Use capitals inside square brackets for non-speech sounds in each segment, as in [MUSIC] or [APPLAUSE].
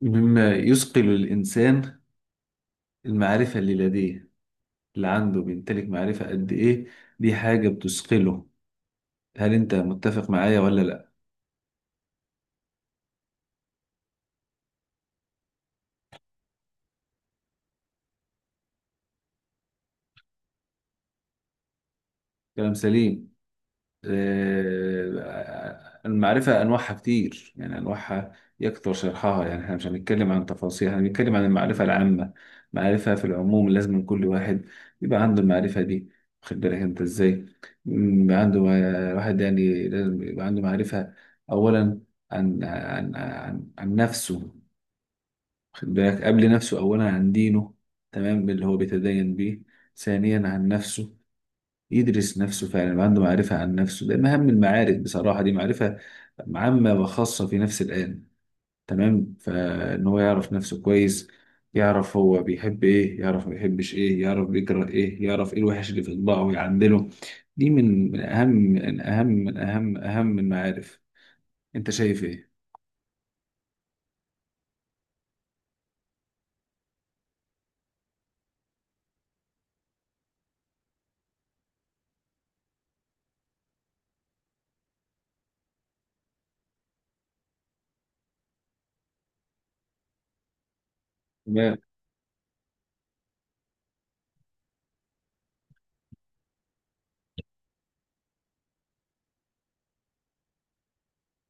مما يثقل الإنسان المعرفة اللي لديه، اللي عنده بيمتلك معرفة قد إيه. دي حاجة بتثقله. هل أنت متفق معايا ولا لأ؟ كلام سليم. المعرفة أنواعها كتير، يعني أنواعها يكثر شرحها. يعني احنا مش هنتكلم عن تفاصيل، احنا هنتكلم عن المعرفة العامة. معرفة في العموم لازم من كل واحد يبقى عنده المعرفة دي. واخد بالك أنت إزاي؟ يبقى عنده. واحد يعني لازم يبقى عنده معرفة. أولا عن نفسه. واخد بالك؟ قبل نفسه، أولا عن دينه، تمام، اللي هو بيتدين بيه. ثانيا عن نفسه، يدرس نفسه فعلا، يبقى عنده معرفة عن نفسه، لأن أهم المعارف بصراحة دي معرفة عامة وخاصة في نفس الآن، تمام. فإن هو يعرف نفسه كويس، يعرف هو بيحب إيه، يعرف ما بيحبش إيه، يعرف بيكره إيه، يعرف إيه الوحش اللي في طباعه ويعدله. دي من أهم المعارف. أنت شايف إيه؟ ده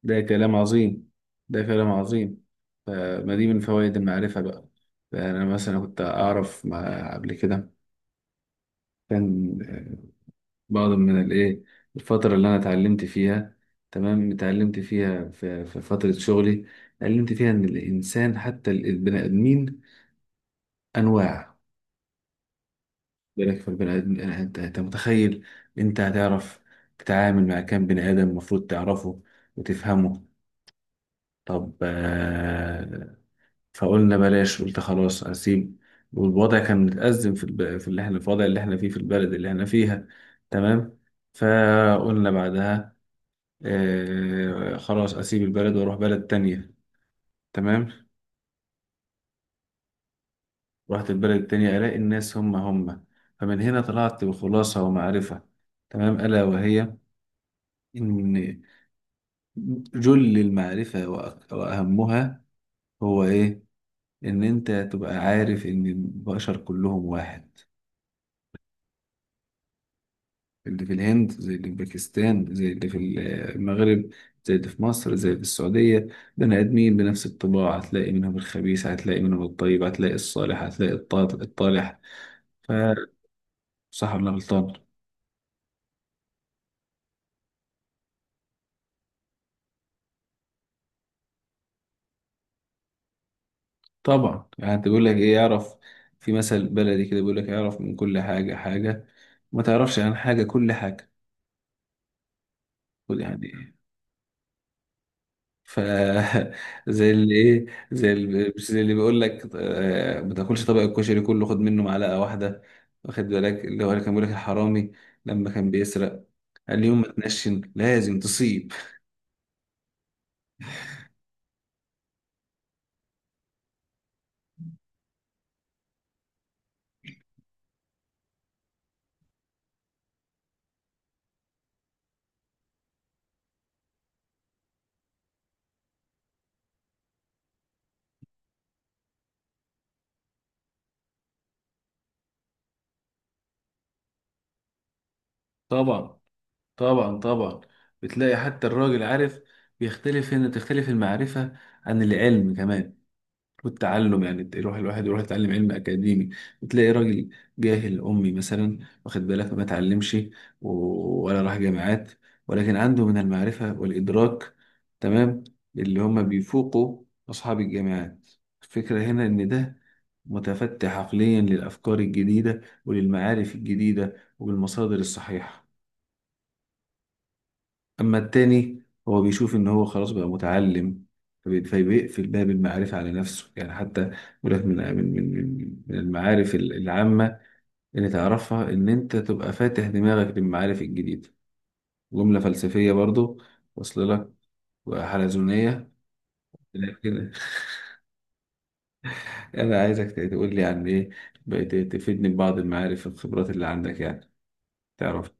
ده كلام عظيم. ده كلام عظيم. فما دي من فوائد المعرفة بقى. فأنا مثلا كنت أعرف مع قبل كده، كان بعض من الايه، الفترة اللي انا اتعلمت فيها، تمام، اتعلمت فيها في فترة شغلي، اتعلمت فيها ان الانسان حتى البني ادمين انواع. بالك في البني ادم؟ يعني انت متخيل، انت هتعرف تتعامل مع كام بني ادم المفروض تعرفه وتفهمه؟ طب. فقلنا بلاش، قلت خلاص اسيب. والوضع كان متأزم في اللي احنا، في الوضع اللي احنا فيه في البلد اللي احنا فيها، تمام. فقلنا بعدها: خلاص اسيب البلد واروح بلد تانية، تمام. رحت البلد التانية الاقي الناس هم هم. فمن هنا طلعت بخلاصة ومعرفة، تمام، الا وهي ان جل المعرفة واهمها هو ايه. ان انت تبقى عارف ان البشر كلهم واحد. اللي في الهند زي اللي في باكستان زي اللي في المغرب زي اللي في مصر زي اللي في السعودية، بني آدمين بنفس الطباع. هتلاقي منهم الخبيث، هتلاقي منهم الطيب، هتلاقي الصالح، هتلاقي الطالح. فصح ولا غلطان؟ طبعا. يعني انت بيقول لك ايه؟ يعرف. في مثل بلدي كده بيقول لك: يعرف من كل حاجة حاجة، ما تعرفش عن حاجة كل حاجة، يعني. ف [LAUGHS] زي اللي ايه، زي اللي مش زي اللي بيقول لك: ما تاكلش طبق الكشري كله، خد منه معلقه واحده. واخد بالك؟ اللي هو اللي كان بيقول لك الحرامي لما كان بيسرق قال لي: يوم ما تنشن لازم تصيب. طبعا طبعا طبعا. بتلاقي حتى الراجل عارف بيختلف. هنا تختلف المعرفة عن العلم كمان والتعلم. يعني يروح الواحد يروح يتعلم علم أكاديمي، وتلاقي راجل جاهل أمي مثلا، واخد بالك، ما اتعلمش ولا راح جامعات، ولكن عنده من المعرفة والإدراك، تمام، اللي هم بيفوقوا أصحاب الجامعات. الفكرة هنا إن ده متفتح عقليا للأفكار الجديدة وللمعارف الجديدة وبالمصادر الصحيحة. أما التاني هو بيشوف إن هو خلاص بقى متعلم، فبيقفل باب المعرفة على نفسه. يعني حتى يقول لك من المعارف العامة اللي تعرفها، إن أنت تبقى فاتح دماغك للمعارف الجديدة. جملة فلسفية برضو، وصل لك؟ وحلزونية. لكن [LAUGHS] أنا عايزك تقول لي عن إيه بقيت، تفيدني ببعض المعارف والخبرات اللي عندك، يعني تعرف.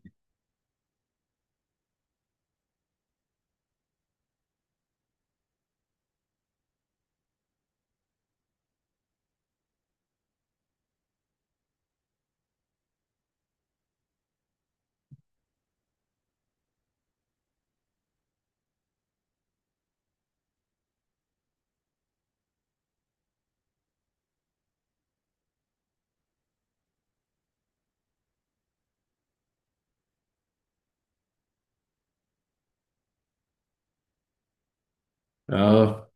آه،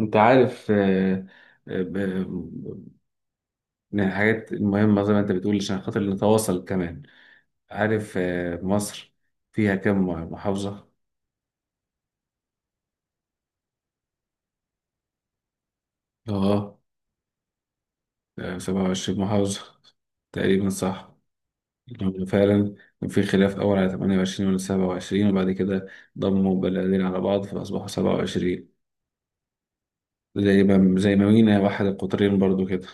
أنت عارف. آه، من الحاجات المهمة، زي ما أنت بتقول، عشان خاطر نتواصل كمان. عارف مصر فيها كم محافظة؟ آه. 27 محافظة تقريبا، صح. لأنه فعلا كان في خلاف أول على 28 ولا 27، وبعد كده ضموا بلدين على بعض فأصبحوا 27. زي ما مينا واحد القطرين برضو كده.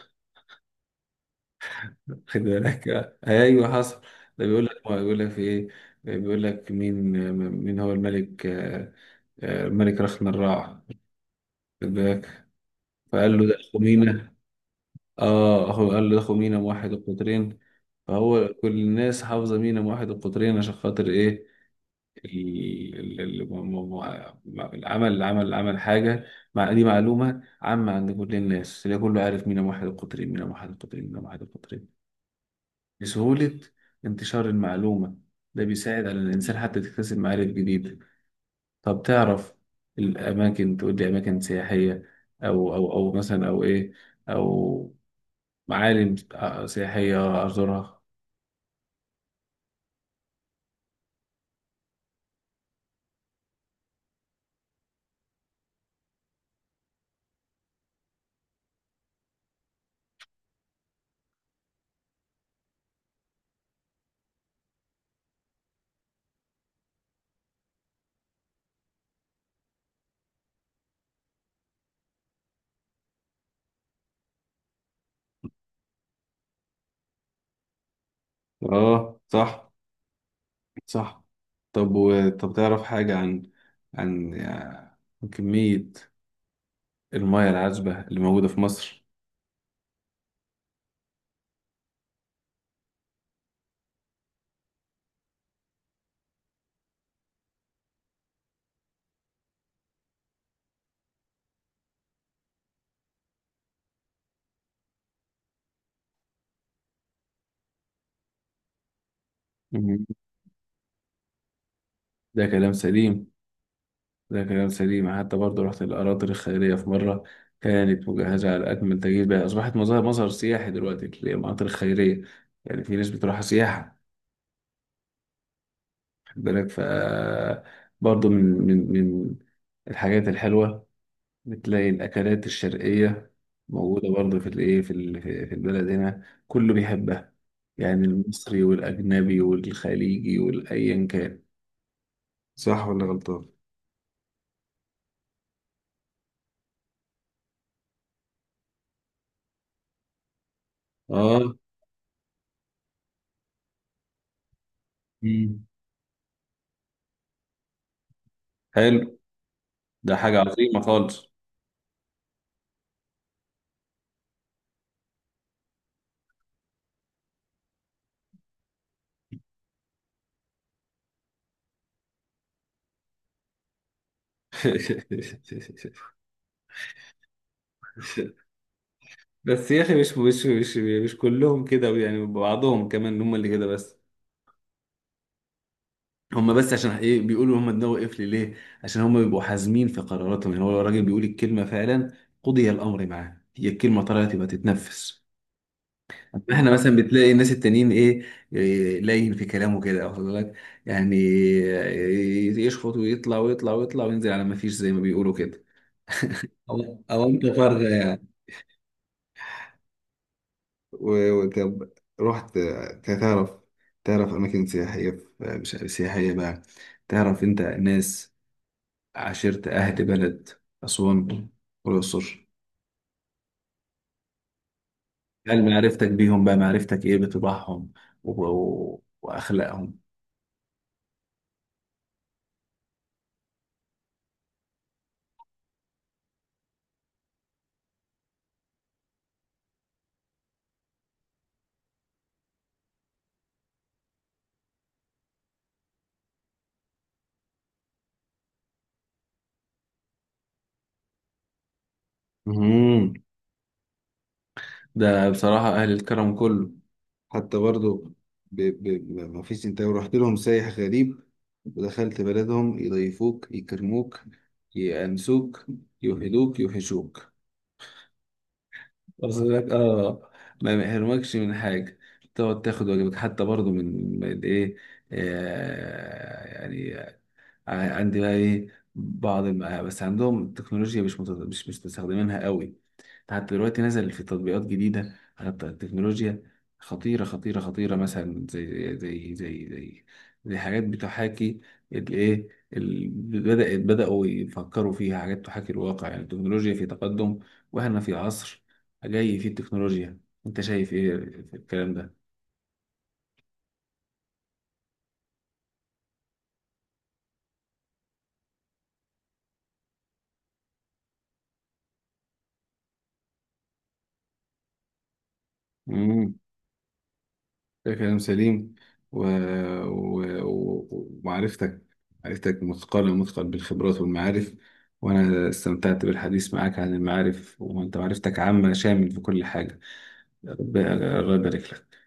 [LAUGHS] خد بالك. أيوه حصل. ده بيقول لك بيقول لك في إيه؟ بيقول لك مين، مين هو الملك، الملك رخن الراع. خد بالك. فقال له ده خمينة. اه، هو قال له ده خمينة واحد القطرين. فهو كل الناس حافظة مينا واحد القطرين، عشان خاطر ايه؟ ال- ال- ال- م- م- م- العمل العمل العمل حاجة. مع دي معلومة عامة عند كل الناس، اللي كله عارف مينا واحد القطرين، مينا واحد القطرين، مينا واحد القطرين، لسهولة انتشار المعلومة. ده بيساعد على الإنسان حتى يكتسب معارف جديدة. طب تعرف الأماكن؟ تقول لي أماكن سياحية، أو مثلا، أو إيه، أو معالم سياحية أزورها. اه صح. صح. طب تعرف حاجة عن عن كمية المياه العذبة اللي موجودة في مصر؟ مم. ده كلام سليم. ده كلام سليم. حتى برضه رحت الأراضي الخيرية في مرة، كانت مجهزة على أكمل تجهيز، بقى أصبحت مظهر مظهر سياحي دلوقتي، المناطق الخيرية. يعني في ناس بتروحها سياحة. خد بالك. برضه من الحاجات الحلوة، بتلاقي الأكلات الشرقية موجودة برضه في الإيه، في ال- في في البلد هنا، كله بيحبها. يعني المصري والأجنبي والخليجي والأيا كان. صح ولا غلطان؟ آه. مم. حلو. ده حاجة عظيمة خالص. [LAUGHS] بس يا أخي مش كلهم كده، يعني بعضهم كمان هم اللي كده بس. هم بس. عشان ايه بيقولوا هم دماغه قفل ليه؟ عشان هم بيبقوا حازمين في قراراتهم. يعني هو لو الراجل بيقول الكلمه فعلا قضي الامر معاه، هي الكلمه طلعت يبقى تتنفس. احنا مثلا بتلاقي الناس التانيين ايه، إيه، لين في كلامه كده، واخد بالك، يعني إيه، يشخط ويطلع ويطلع ويطلع وينزل على ما فيش، زي ما بيقولوا كده، او انت فارغه يعني. وطب رحت، تعرف، تعرف أماكن سياحية مش سياحية بقى، تعرف أنت ناس، عشيرة، أهل بلد أسوان والأقصر. هل معرفتك بيهم بقى، معرفتك إيه بطباعهم وأخلاقهم؟ مهم. ده بصراحة أهل الكرم كله. حتى برضو ب... ب... ما فيش، انت لو رحت لهم سايح غريب ودخلت بلدهم يضيفوك، يكرموك، يأنسوك، يوحدوك، يوحشوك. واصل لك؟ اه. ما بيحرمكش من حاجه، تقعد تاخد واجبك حتى برضو من من ايه، يعني عندي بقى ايه. بس عندهم التكنولوجيا مش مت... مش مش مستخدمينها قوي. حتى دلوقتي نزل في تطبيقات جديدة على التكنولوجيا خطيرة خطيرة خطيرة. مثلا زي حاجات بتحاكي الايه ال- بدأت بدأوا يفكروا فيها، حاجات تحاكي الواقع. يعني التكنولوجيا في تقدم، واحنا في عصر جاي فيه التكنولوجيا. انت شايف ايه في الكلام ده؟ مم. ده كلام سليم. و... و... و... ومعرفتك، معرفتك مثقلة، مثقل بالخبرات والمعارف. وأنا استمتعت بالحديث معك عن المعارف، وأنت معرفتك عامة، شامل في كل حاجة. الله يبارك لك.